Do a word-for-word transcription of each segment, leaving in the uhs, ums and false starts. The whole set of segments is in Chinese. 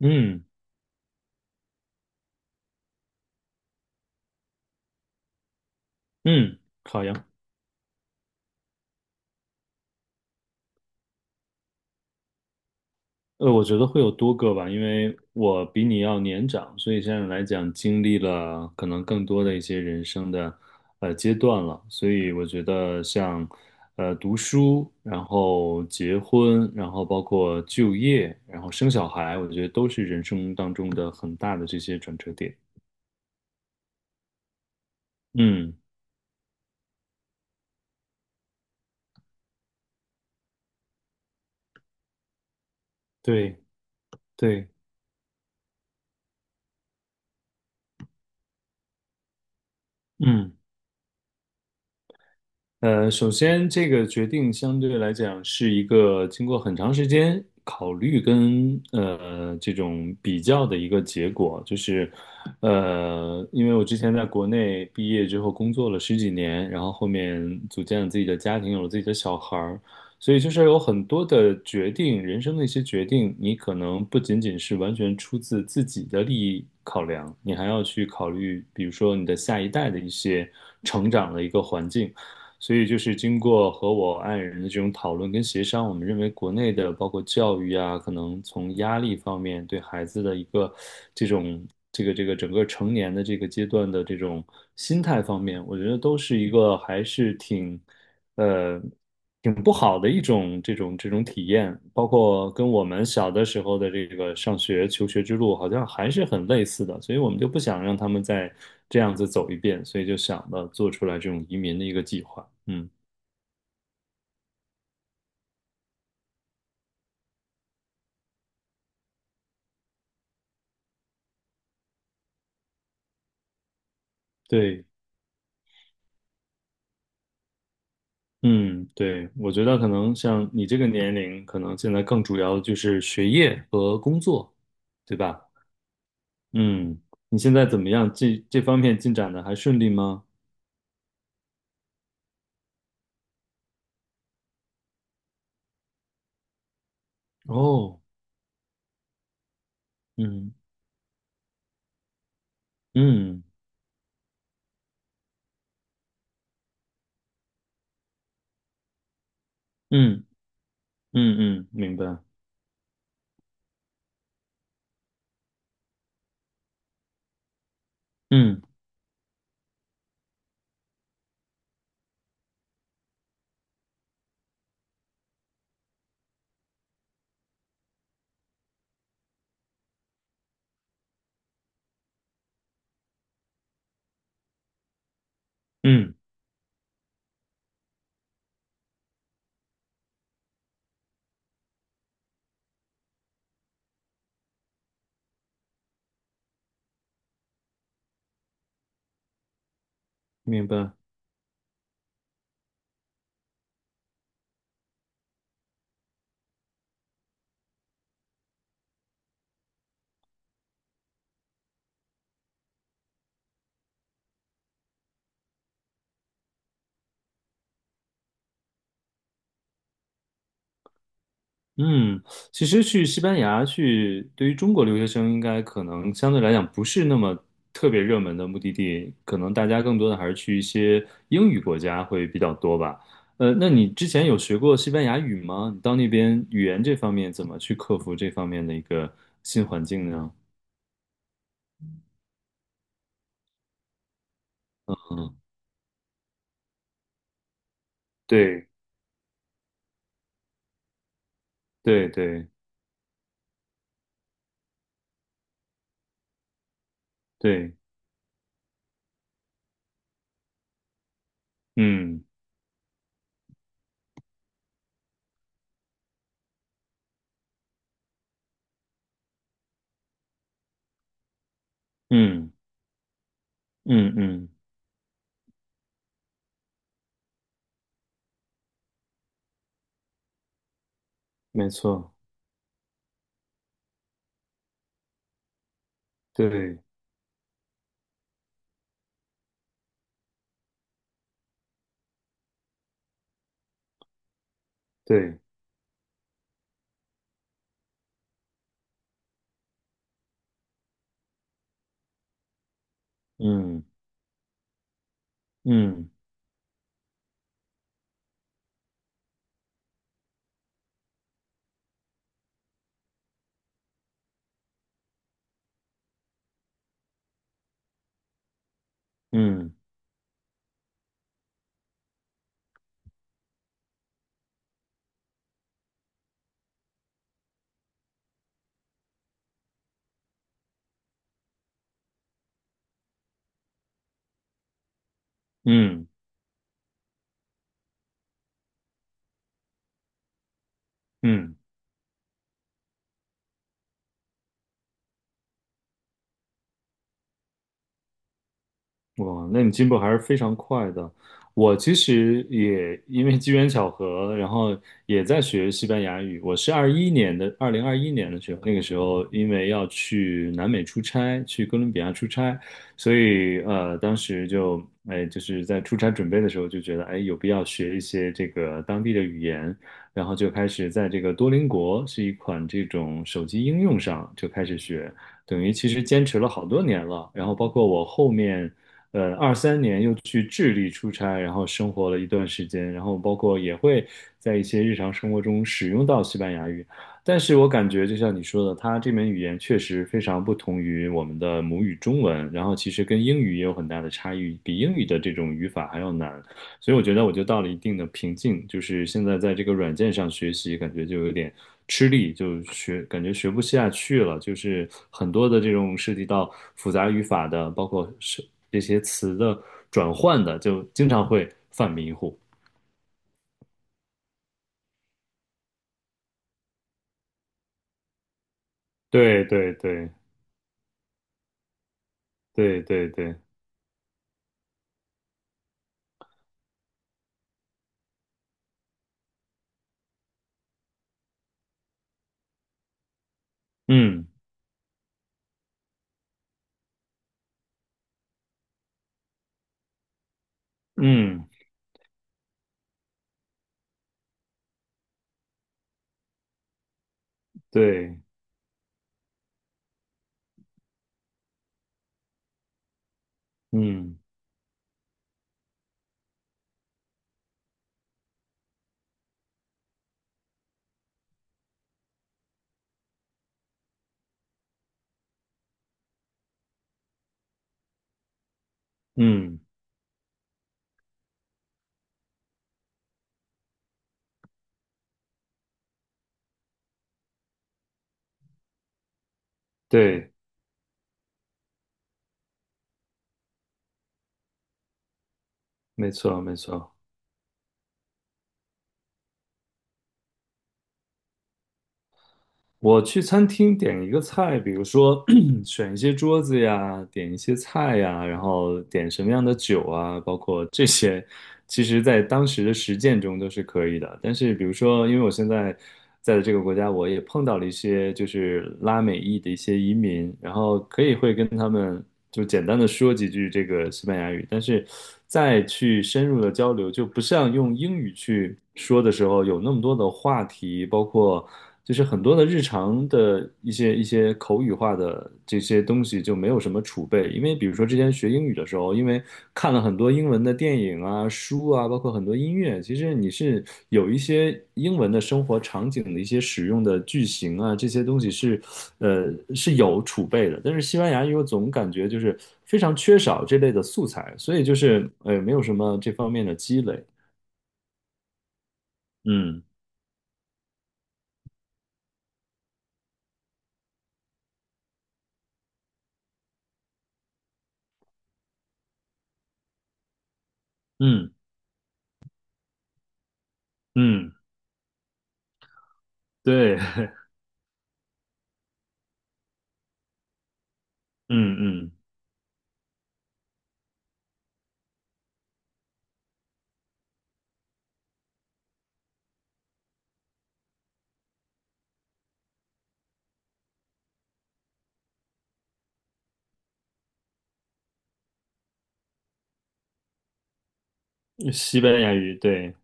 嗯嗯，好呀。呃，我觉得会有多个吧，因为我比你要年长，所以现在来讲经历了可能更多的一些人生的呃阶段了。所以我觉得像呃读书，然后结婚，然后包括就业，然后生小孩，我觉得都是人生当中的很大的这些转折点。嗯，对对，嗯。呃，首先这个决定相对来讲是一个经过很长时间考虑跟呃这种比较的一个结果，就是呃，因为我之前在国内毕业之后工作了十几年，然后后面组建了自己的家庭，有了自己的小孩儿，所以就是有很多的决定，人生的一些决定，你可能不仅仅是完全出自自己的利益考量，你还要去考虑，比如说你的下一代的一些成长的一个环境。所以就是经过和我爱人的这种讨论跟协商，我们认为国内的包括教育啊，可能从压力方面对孩子的一个这种这个这个整个成年的这个阶段的这种心态方面，我觉得都是一个还是挺呃挺不好的一种这种这种体验，包括跟我们小的时候的这个上学求学之路好像还是很类似的，所以我们就不想让他们再这样子走一遍，所以就想到做出来这种移民的一个计划。嗯，对，嗯，对，我觉得可能像你这个年龄，可能现在更主要的就是学业和工作，对吧？嗯，你现在怎么样？这这方面进展的还顺利吗？哦，嗯嗯嗯嗯嗯，明白。嗯嗯，明白。嗯，其实去西班牙去，对于中国留学生应该可能相对来讲不是那么特别热门的目的地，可能大家更多的还是去一些英语国家会比较多吧。呃，那你之前有学过西班牙语吗？你到那边语言这方面怎么去克服这方面的一个新环境呢？嗯，对对对对，嗯嗯嗯嗯，没错，对对，嗯嗯嗯。嗯嗯。哇，那你进步还是非常快的。我其实也因为机缘巧合，然后也在学西班牙语。我是二一年的，二零二一年的时候，那个时候因为要去南美出差，去哥伦比亚出差，所以呃，当时就哎，就是在出差准备的时候就觉得哎，有必要学一些这个当地的语言，然后就开始在这个多邻国是一款这种手机应用上就开始学。等于其实坚持了好多年了，然后包括我后面呃，二三年又去智利出差，然后生活了一段时间，然后包括也会在一些日常生活中使用到西班牙语。但是我感觉，就像你说的，它这门语言确实非常不同于我们的母语中文，然后其实跟英语也有很大的差异，比英语的这种语法还要难。所以我觉得我就到了一定的瓶颈，就是现在在这个软件上学习，感觉就有点吃力，就学感觉学不下去了。就是很多的这种涉及到复杂语法的，包括是这些词的转换的，就经常会犯迷糊。对对对对对对，嗯嗯对嗯嗯对，没错没错。我去餐厅点一个菜，比如说 选一些桌子呀，点一些菜呀，然后点什么样的酒啊，包括这些，其实在当时的实践中都是可以的。但是比如说，因为我现在在的这个国家，我也碰到了一些就是拉美裔的一些移民，然后可以会跟他们。就简单的说几句这个西班牙语，但是再去深入的交流，就不像用英语去说的时候有那么多的话题，包括就是很多的日常的一些一些口语化的这些东西就没有什么储备，因为比如说之前学英语的时候，因为看。看了很多英文的电影啊、书啊，包括很多音乐，其实你是有一些英文的生活场景的一些使用的句型啊，这些东西是，呃，是有储备的。但是西班牙语我总感觉就是非常缺少这类的素材，所以就是呃，没有什么这方面的积累。嗯嗯嗯，对，嗯嗯，西班牙语，对，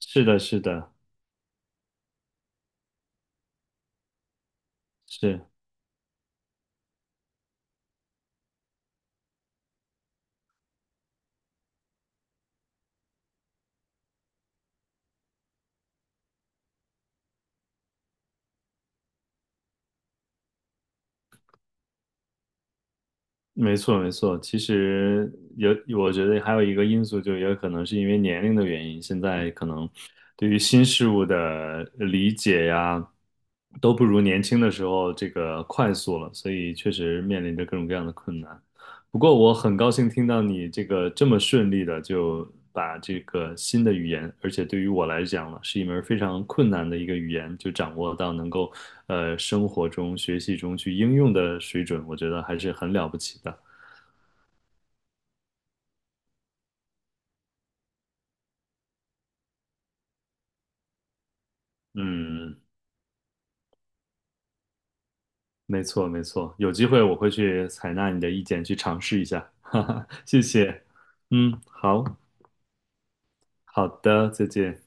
是的，是的，是。没错，没错。其实有，我觉得还有一个因素，就也有可能是因为年龄的原因，现在可能对于新事物的理解呀，都不如年轻的时候这个快速了，所以确实面临着各种各样的困难。不过我很高兴听到你这个这么顺利的就把这个新的语言，而且对于我来讲呢，是一门非常困难的一个语言，就掌握到能够呃生活中、学习中去应用的水准，我觉得还是很了不起的。嗯，没错没错，有机会我会去采纳你的意见，去尝试一下。哈哈，谢谢。嗯，好，好的，再见。